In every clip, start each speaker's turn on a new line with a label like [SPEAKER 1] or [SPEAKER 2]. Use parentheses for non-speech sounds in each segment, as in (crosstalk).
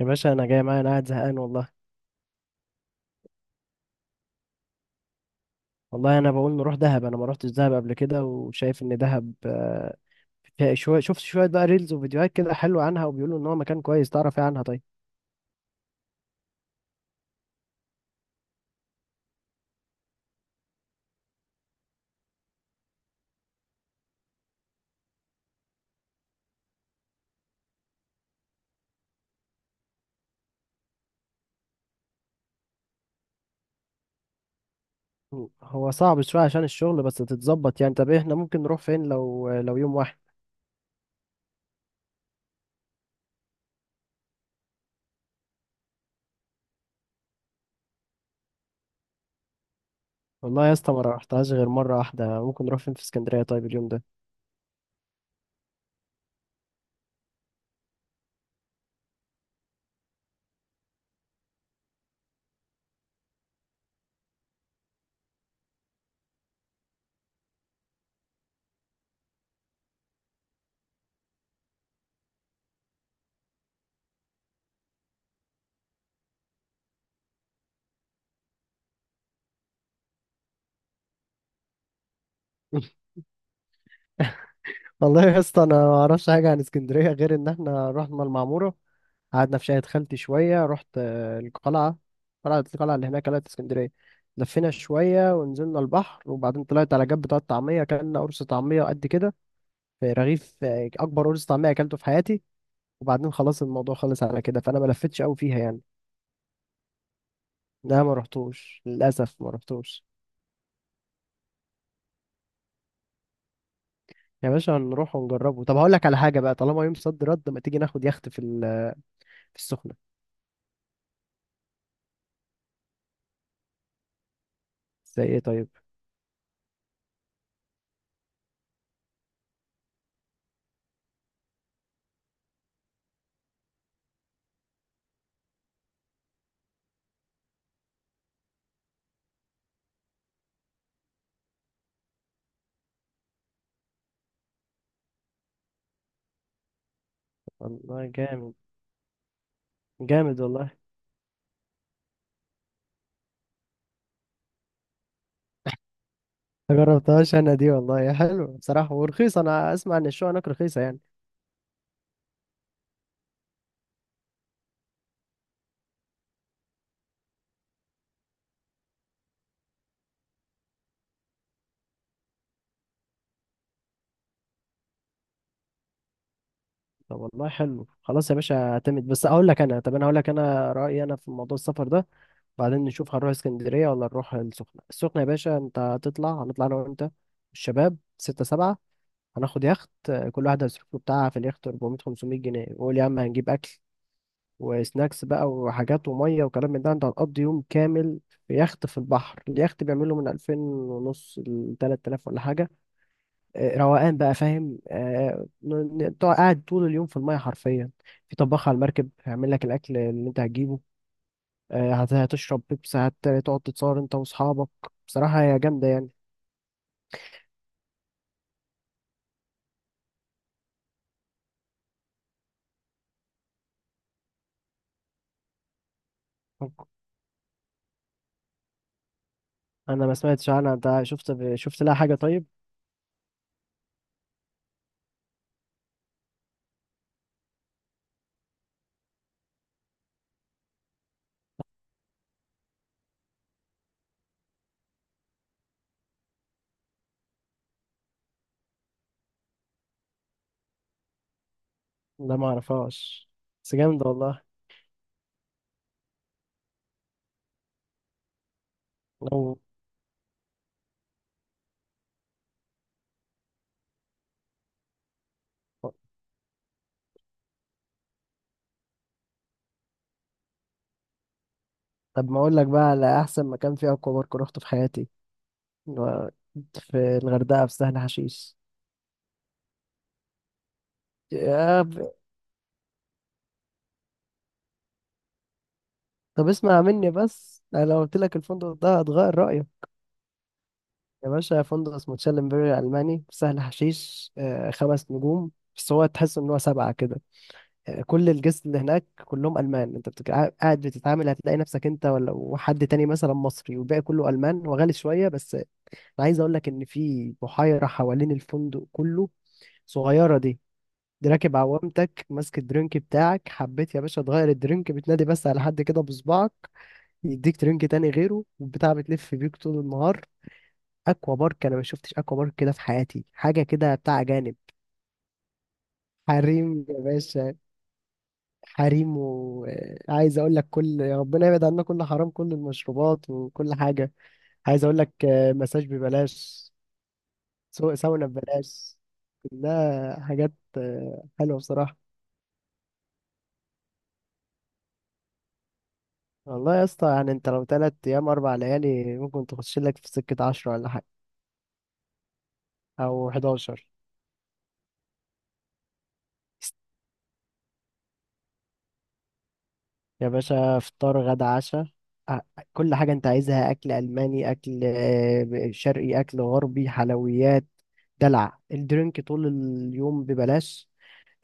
[SPEAKER 1] يا باشا انا جاي، معايا انا قاعد زهقان والله. والله انا بقول نروح دهب، انا ما روحتش دهب قبل كده، وشايف ان دهب فيها شويه، شفت شويه بقى ريلز وفيديوهات كده حلوه عنها، وبيقولوا ان هو مكان كويس. تعرف ايه عنها؟ طيب هو صعب شويه عشان الشغل، بس تتظبط يعني. طب احنا ممكن نروح فين لو يوم واحد؟ والله يا اسطى ما رحتهاش غير مره واحده. ممكن نروح فين في اسكندريه طيب اليوم ده؟ (laughs) والله يا اسطى انا ما اعرفش حاجه عن اسكندريه غير ان احنا رحنا المعموره، قعدنا في شاهد خالتي شوية، رحت القلعة، قلعة اللي هناك قلعة اسكندرية، لفينا شوية ونزلنا البحر، وبعدين طلعت على جنب بتاع الطعمية، أكلنا قرص طعمية قد كده، في رغيف، أكبر قرص طعمية أكلته في حياتي. وبعدين خلاص الموضوع خلص على كده، فأنا ما لفتش أوي فيها يعني. لا، ما رحتوش للأسف، ما رحتوش. يا باشا هنروح ونجربه. طب هقول لك على حاجة بقى، طالما يوم صد رد، ما تيجي ناخد يخت في في السخنة. زي إيه طيب؟ والله جامد، جامد والله. ما جربتهاش انا دي والله يا حلو، بصراحة ورخيصة، انا اسمع ان الشقة هناك رخيصة يعني. طب والله حلو، خلاص يا باشا اعتمد. بس اقول لك انا، طب انا هقول لك انا رأيي انا في موضوع السفر ده، بعدين نشوف هنروح اسكندرية ولا نروح السخنة. السخنة يا باشا انت هتطلع، هنطلع انا وانت الشباب ستة سبعة، هناخد يخت، كل واحد هيصرف له بتاعها في اليخت 400 500 جنيه، وقول يا عم هنجيب اكل وسناكس بقى وحاجات وميه وكلام من ده، انت هتقضي يوم كامل في يخت في البحر. اليخت بيعمله من 2000 ونص ل 3000 ولا حاجه. روقان بقى، فاهم؟ قاعد طول اليوم في المية حرفيا، في طباخ على المركب هيعمل لك الأكل اللي أنت هتجيبه، هتشرب بيبسي، هتقعد تتصور أنت وأصحابك. بصراحة هي جامدة يعني. أنا ما سمعتش عنها، أنت شفت لها حاجة طيب؟ لا، ما أعرفهاش، بس جامدة والله. لو طب ما أقول لك بقى على أحسن مكان فيه أكوا بارك روحته في حياتي. و- في الغردقة، في سهل حشيش. يا ب-، طب اسمع مني بس، أنا لو قلت لك الفندق ده هتغير رأيك. يا باشا فندق اسمه تشيلنبري ألماني في سهل حشيش، خمس نجوم، بس هو تحس إن هو سبعة كده يعني. كل الجست اللي هناك كلهم ألمان، أنت بتك قاعد بتتعامل هتلاقي نفسك أنت ولا وحد تاني مثلا مصري والباقي كله ألمان، وغالي شوية، بس أنا عايز أقول لك إن في بحيرة حوالين الفندق كله، صغيرة دي، دي راكب عوامتك، ماسك الدرينك بتاعك، حبيت يا باشا تغير الدرينك بتنادي بس على حد كده بصبعك، يديك درينك تاني غيره، والبتاع بتلف بيك طول النهار. اكوا بارك، انا ما شفتش اكوا بارك كده في حياتي، حاجه كده بتاع اجانب. حريم يا باشا، حريم، وعايز اقول لك كل، يا ربنا يبعد عنا كل حرام، كل المشروبات وكل حاجه. عايز اقول لك، مساج ببلاش، ساونا ببلاش، كلها حاجات حلوه بصراحه. والله يا اسطى يعني انت لو تلات ايام اربع ليالي، ممكن تخش لك في سكه عشرة ولا حاجه، او 11. يا باشا فطار غدا عشاء، أ- كل حاجة انت عايزها، اكل الماني، اكل شرقي، اكل غربي، حلويات، دلع، الدرينك طول اليوم ببلاش.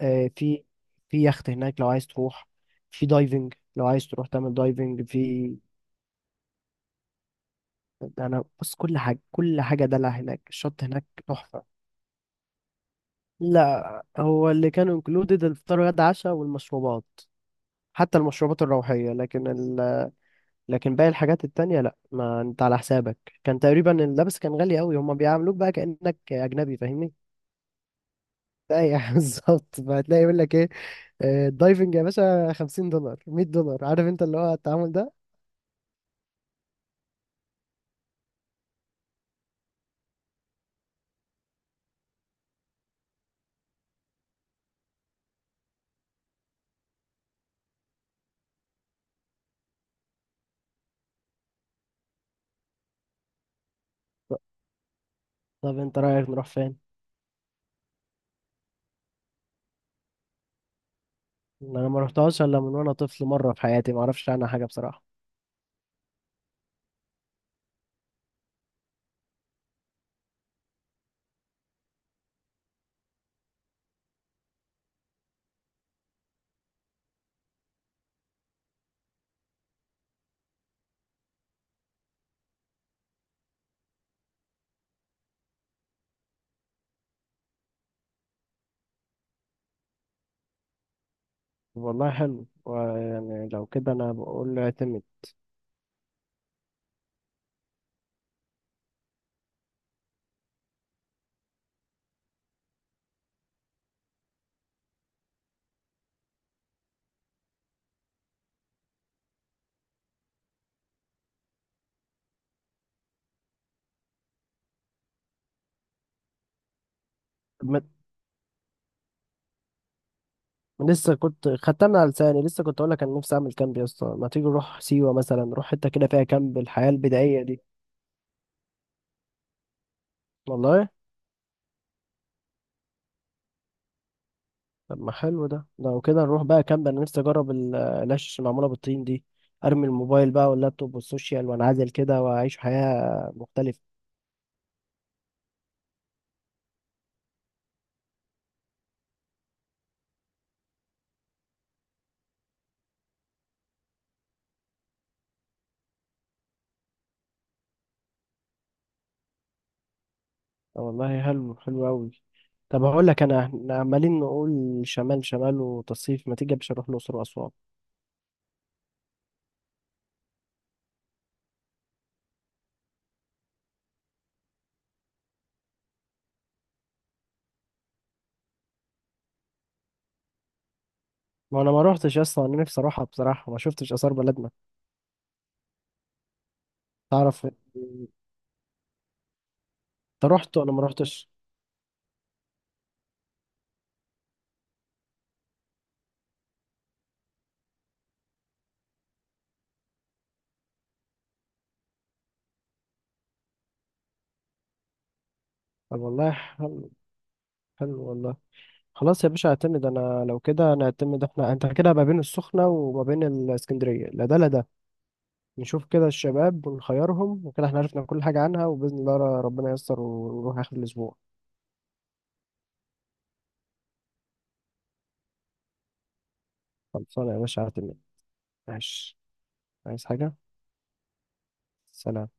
[SPEAKER 1] آه، في في يخت هناك لو عايز تروح، في دايفنج لو عايز تروح تعمل دايفنج في. انا بص كل حاجة دلع هناك، الشط هناك تحفة. لا، هو اللي كانوا انكلودed الفطار غدا عشاء والمشروبات، حتى المشروبات الروحية، لكن لكن باقي الحاجات التانية لا، ما انت على حسابك. كان تقريبا اللبس كان غالي قوي، هما بيعاملوك بقى كأنك اجنبي، فاهمني. ايوه (laughs) بالظبط. فهتلاقي يقول لك ايه، الدايفنج يا باشا 50 دولار 100 دولار، عارف انت اللي هو التعامل ده. ط- طب انت رايك نروح فين؟ انا ما رحتهاش الا من وانا طفل مره في حياتي، ما اعرفش عنها حاجه بصراحه. طب والله حلو، ويعني لو كده انا بقول له اعتمد. م- لسه كنت خدتها من على لساني، لسه كنت اقول لك انا نفسي اعمل كامب يا اسطى. ما تيجي نروح سيوه مثلا، نروح حته كده فيها كامب الحياه البدائيه دي. والله طب ما حلو ده، لو كده نروح بقى كامب، انا نفسي اجرب العش اللي معموله بالطين دي، ارمي الموبايل بقى واللابتوب والسوشيال وانعزل كده واعيش حياه مختلفه. طب والله حلو، حلو قوي. طب هقول لك انا، احنا عمالين نقول شمال شمال وتصيف، ما تيجي مش هنروح الاقصر واسوان؟ ما انا ما روحتش اصلا، انا نفسي اروحها بصراحه، ما شفتش اثار بلدنا. تعرف انت، رحت وانا ما روحتش. طب والله حلو، حلو والله. خلاص يا باشا اعتمد، انا لو كده نعتمد احنا انت كده ما بين السخنة وما بين الاسكندرية، لا ده لا ده، نشوف كده الشباب ونخيرهم، وكده احنا عرفنا كل حاجة عنها، وبإذن الله ربنا ييسر ونروح آخر الأسبوع. خلصانة يا باشا اعتمد. ماشي، عايز حاجة؟ سلام.